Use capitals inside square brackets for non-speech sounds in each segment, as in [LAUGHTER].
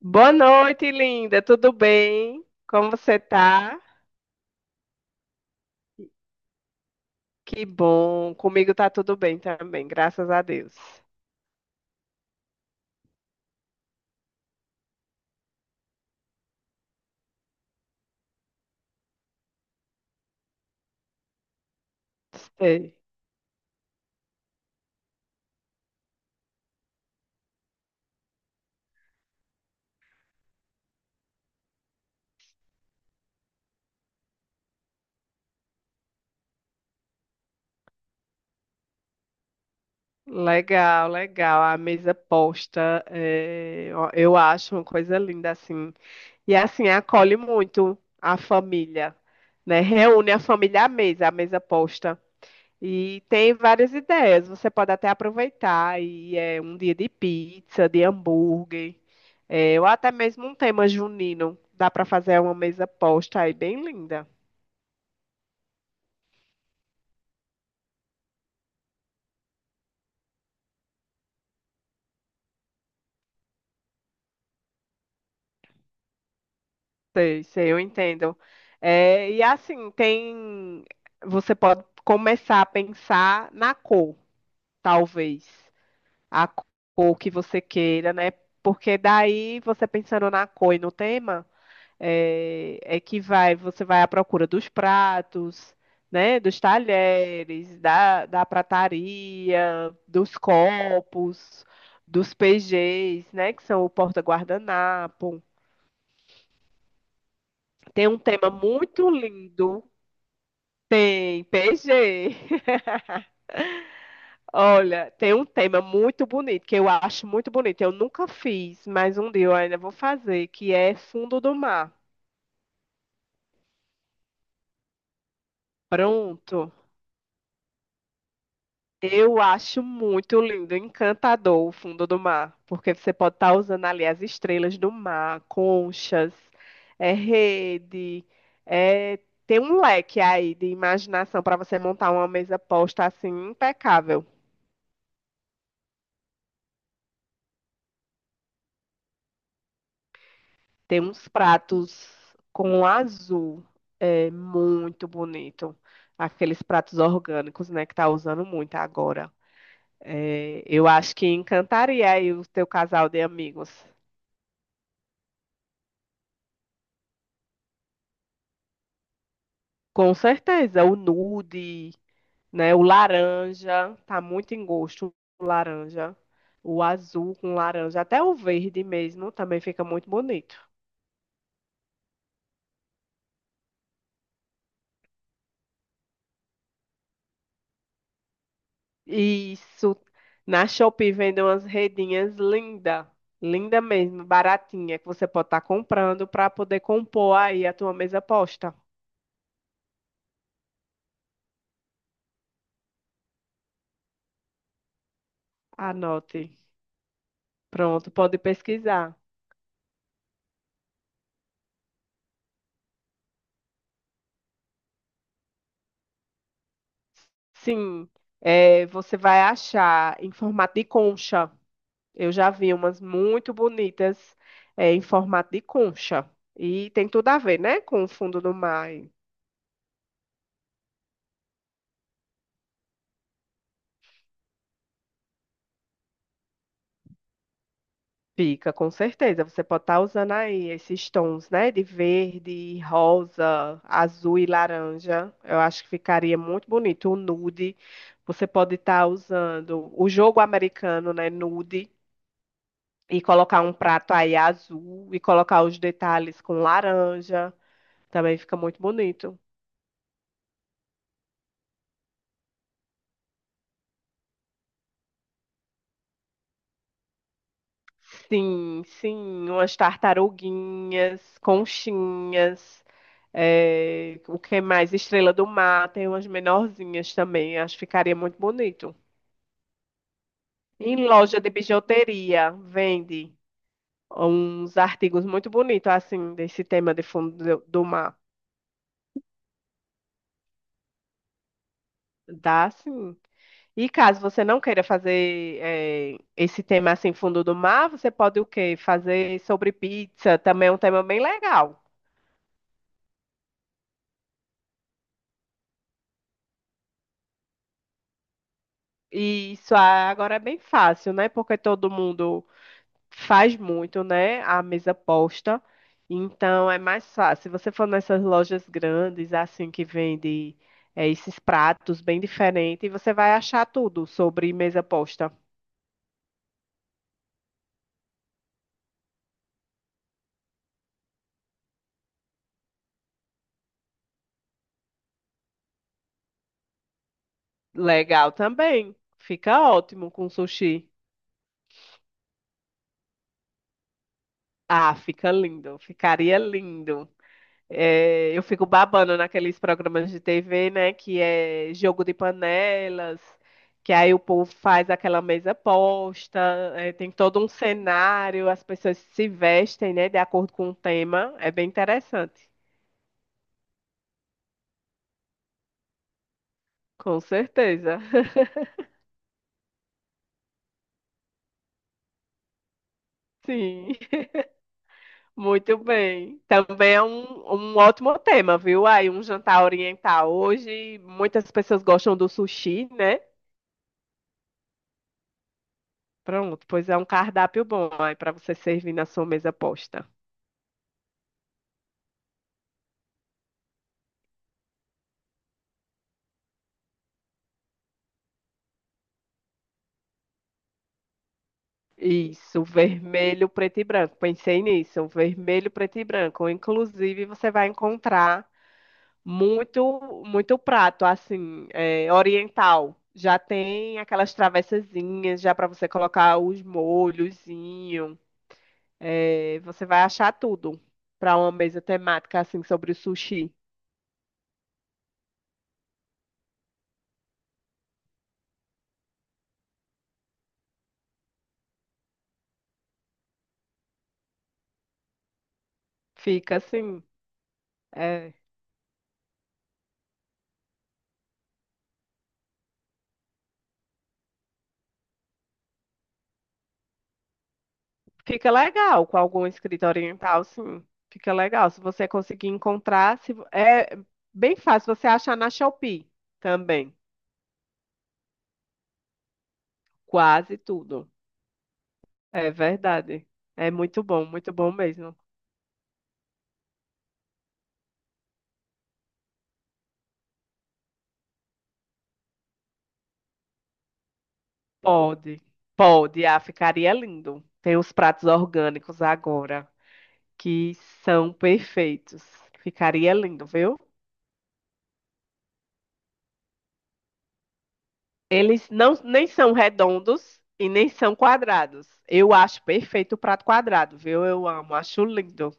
Boa noite, linda. Tudo bem? Como você tá? Que bom. Comigo tá tudo bem também, graças a Deus. Sei. Legal, legal. A mesa posta, é, ó, eu acho uma coisa linda assim. E assim, acolhe muito a família, né? Reúne a família à mesa, a mesa posta. E tem várias ideias. Você pode até aproveitar e é um dia de pizza, de hambúrguer, ou até mesmo um tema junino. Dá para fazer uma mesa posta aí bem linda. Sei, sei, eu entendo. É, e assim, tem. Você pode começar a pensar na cor, talvez. A cor que você queira, né? Porque daí você pensando na cor e no tema. Você vai à procura dos pratos, né, dos talheres, da prataria, dos copos, dos PGs, né, que são o porta-guardanapo. Tem um tema muito lindo. Tem PG. [LAUGHS] Olha, tem um tema muito bonito, que eu acho muito bonito. Eu nunca fiz, mas um dia eu ainda vou fazer, que é fundo do mar. Pronto. Eu acho muito lindo, encantador o fundo do mar, porque você pode estar usando ali as estrelas do mar, conchas, rede, é, tem um leque aí de imaginação para você montar uma mesa posta assim impecável. Tem uns pratos com azul, é muito bonito, aqueles pratos orgânicos, né, que tá usando muito agora. É, eu acho que encantaria aí o teu casal de amigos. Com certeza, o nude, né? O laranja, tá muito em gosto o laranja. O azul com laranja, até o verde mesmo também fica muito bonito. Isso. Na Shopee vendem umas redinhas linda, linda mesmo, baratinha, que você pode estar comprando para poder compor aí a tua mesa posta. Anote. Pronto, pode pesquisar. Sim, você vai achar em formato de concha. Eu já vi umas muito bonitas, em formato de concha. E tem tudo a ver, né? Com o fundo do mar. E Fica, com certeza. Você pode estar usando aí esses tons, né? De verde, rosa, azul e laranja. Eu acho que ficaria muito bonito. O nude. Você pode estar usando o jogo americano, né? Nude. E colocar um prato aí azul. E colocar os detalhes com laranja. Também fica muito bonito. Sim, sim, umas tartaruguinhas, conchinhas, o que mais? Estrela do Mar, tem umas menorzinhas também, acho que ficaria muito bonito. Em loja de bijuteria, vende uns artigos muito bonitos, assim, desse tema de fundo do mar. Dá, sim. E caso você não queira fazer esse tema assim, fundo do mar, você pode o quê? Fazer sobre pizza, também é um tema bem legal. E isso, agora é bem fácil, né? Porque todo mundo faz muito, né? A mesa posta. Então é mais fácil. Se você for nessas lojas grandes, assim, que vende esses pratos bem diferentes, você vai achar tudo sobre mesa posta. Legal também. Fica ótimo com sushi. Ah, fica lindo. Ficaria lindo. É, eu fico babando naqueles programas de TV, né? Que é jogo de panelas, que aí o povo faz aquela mesa posta, tem todo um cenário, as pessoas se vestem, né? De acordo com o tema. É bem interessante, com certeza. [LAUGHS] Sim, muito bem. Também é um ótimo tema, viu? Aí um jantar oriental. Hoje muitas pessoas gostam do sushi, né? Pronto, pois é um cardápio bom aí para você servir na sua mesa posta. Isso, vermelho, preto e branco. Pensei nisso, vermelho, preto e branco. Inclusive, você vai encontrar muito, muito prato assim, oriental. Já tem aquelas travessazinhas, já para você colocar os molhozinho. É, você vai achar tudo para uma mesa temática assim sobre o sushi. Fica assim. é, Fica legal com algum escrito oriental, sim. Fica legal. Se você conseguir encontrar, se... é bem fácil. Você achar na Shopee também. Quase tudo. É verdade. É muito bom mesmo. Pode, pode. Ah, ficaria lindo. Tem os pratos orgânicos agora, que são perfeitos. Ficaria lindo, viu? Eles não, nem são redondos e nem são quadrados. Eu acho perfeito o prato quadrado, viu? Eu amo, acho lindo.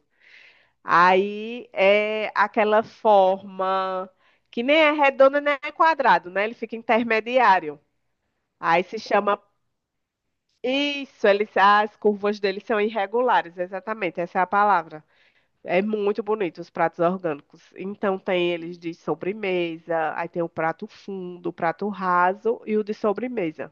Aí é aquela forma que nem é redonda nem é quadrado, né? Ele fica intermediário. Aí se chama isso, eles, as curvas dele são irregulares, exatamente, essa é a palavra. É muito bonito os pratos orgânicos. Então tem eles de sobremesa, aí tem o prato fundo, o prato raso e o de sobremesa.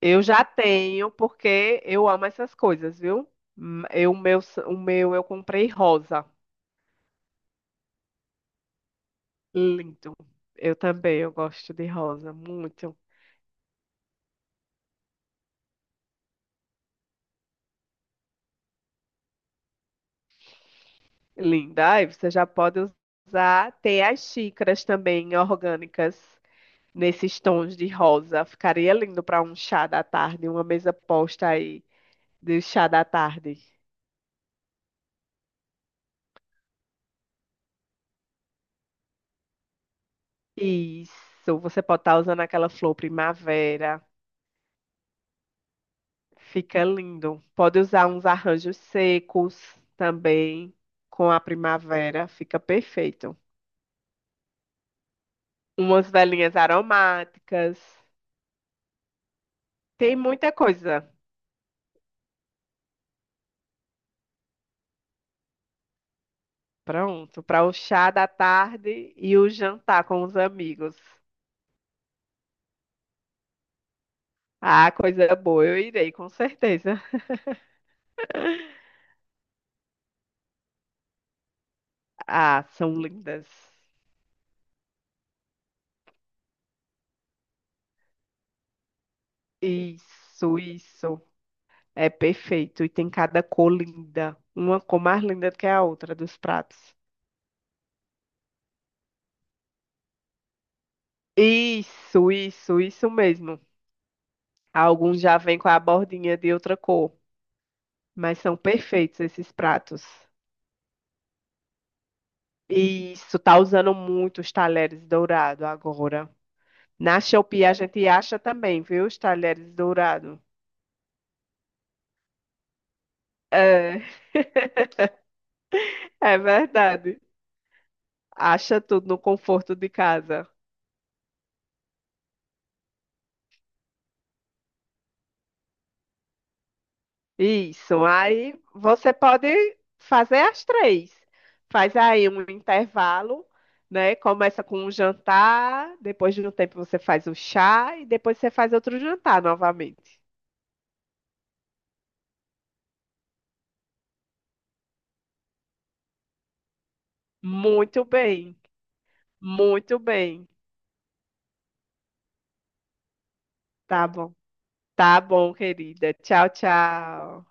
Eu já tenho porque eu amo essas coisas, viu? Hum, Eu, o meu, o meu eu comprei rosa. Lindo. Eu também, eu gosto de rosa, muito linda. Aí você já pode usar, tem as xícaras também orgânicas nesses tons de rosa. Ficaria lindo para um chá da tarde, uma mesa posta aí de chá da tarde. Isso, você pode estar usando aquela flor primavera. Fica lindo. Pode usar uns arranjos secos também com a primavera, fica perfeito. Umas velinhas aromáticas. Tem muita coisa. Pronto, para o chá da tarde e o jantar com os amigos. Ah, coisa boa, eu irei, com certeza. [LAUGHS] Ah, são lindas. Isso, isso. É perfeito. E tem cada cor linda. Uma cor mais linda do que a outra dos pratos. Isso mesmo. Alguns já vêm com a bordinha de outra cor, mas são perfeitos esses pratos. Isso, tá usando muito os talheres dourados agora. Na Shopee a gente acha também, viu? Os talheres dourados. É, é, verdade. Acha tudo no conforto de casa. Isso. Aí você pode fazer as três. Faz aí um intervalo, né? Começa com um jantar, depois de um tempo você faz o chá e depois você faz outro jantar novamente. Muito bem, muito bem. Tá bom. Tá bom, querida. Tchau, tchau.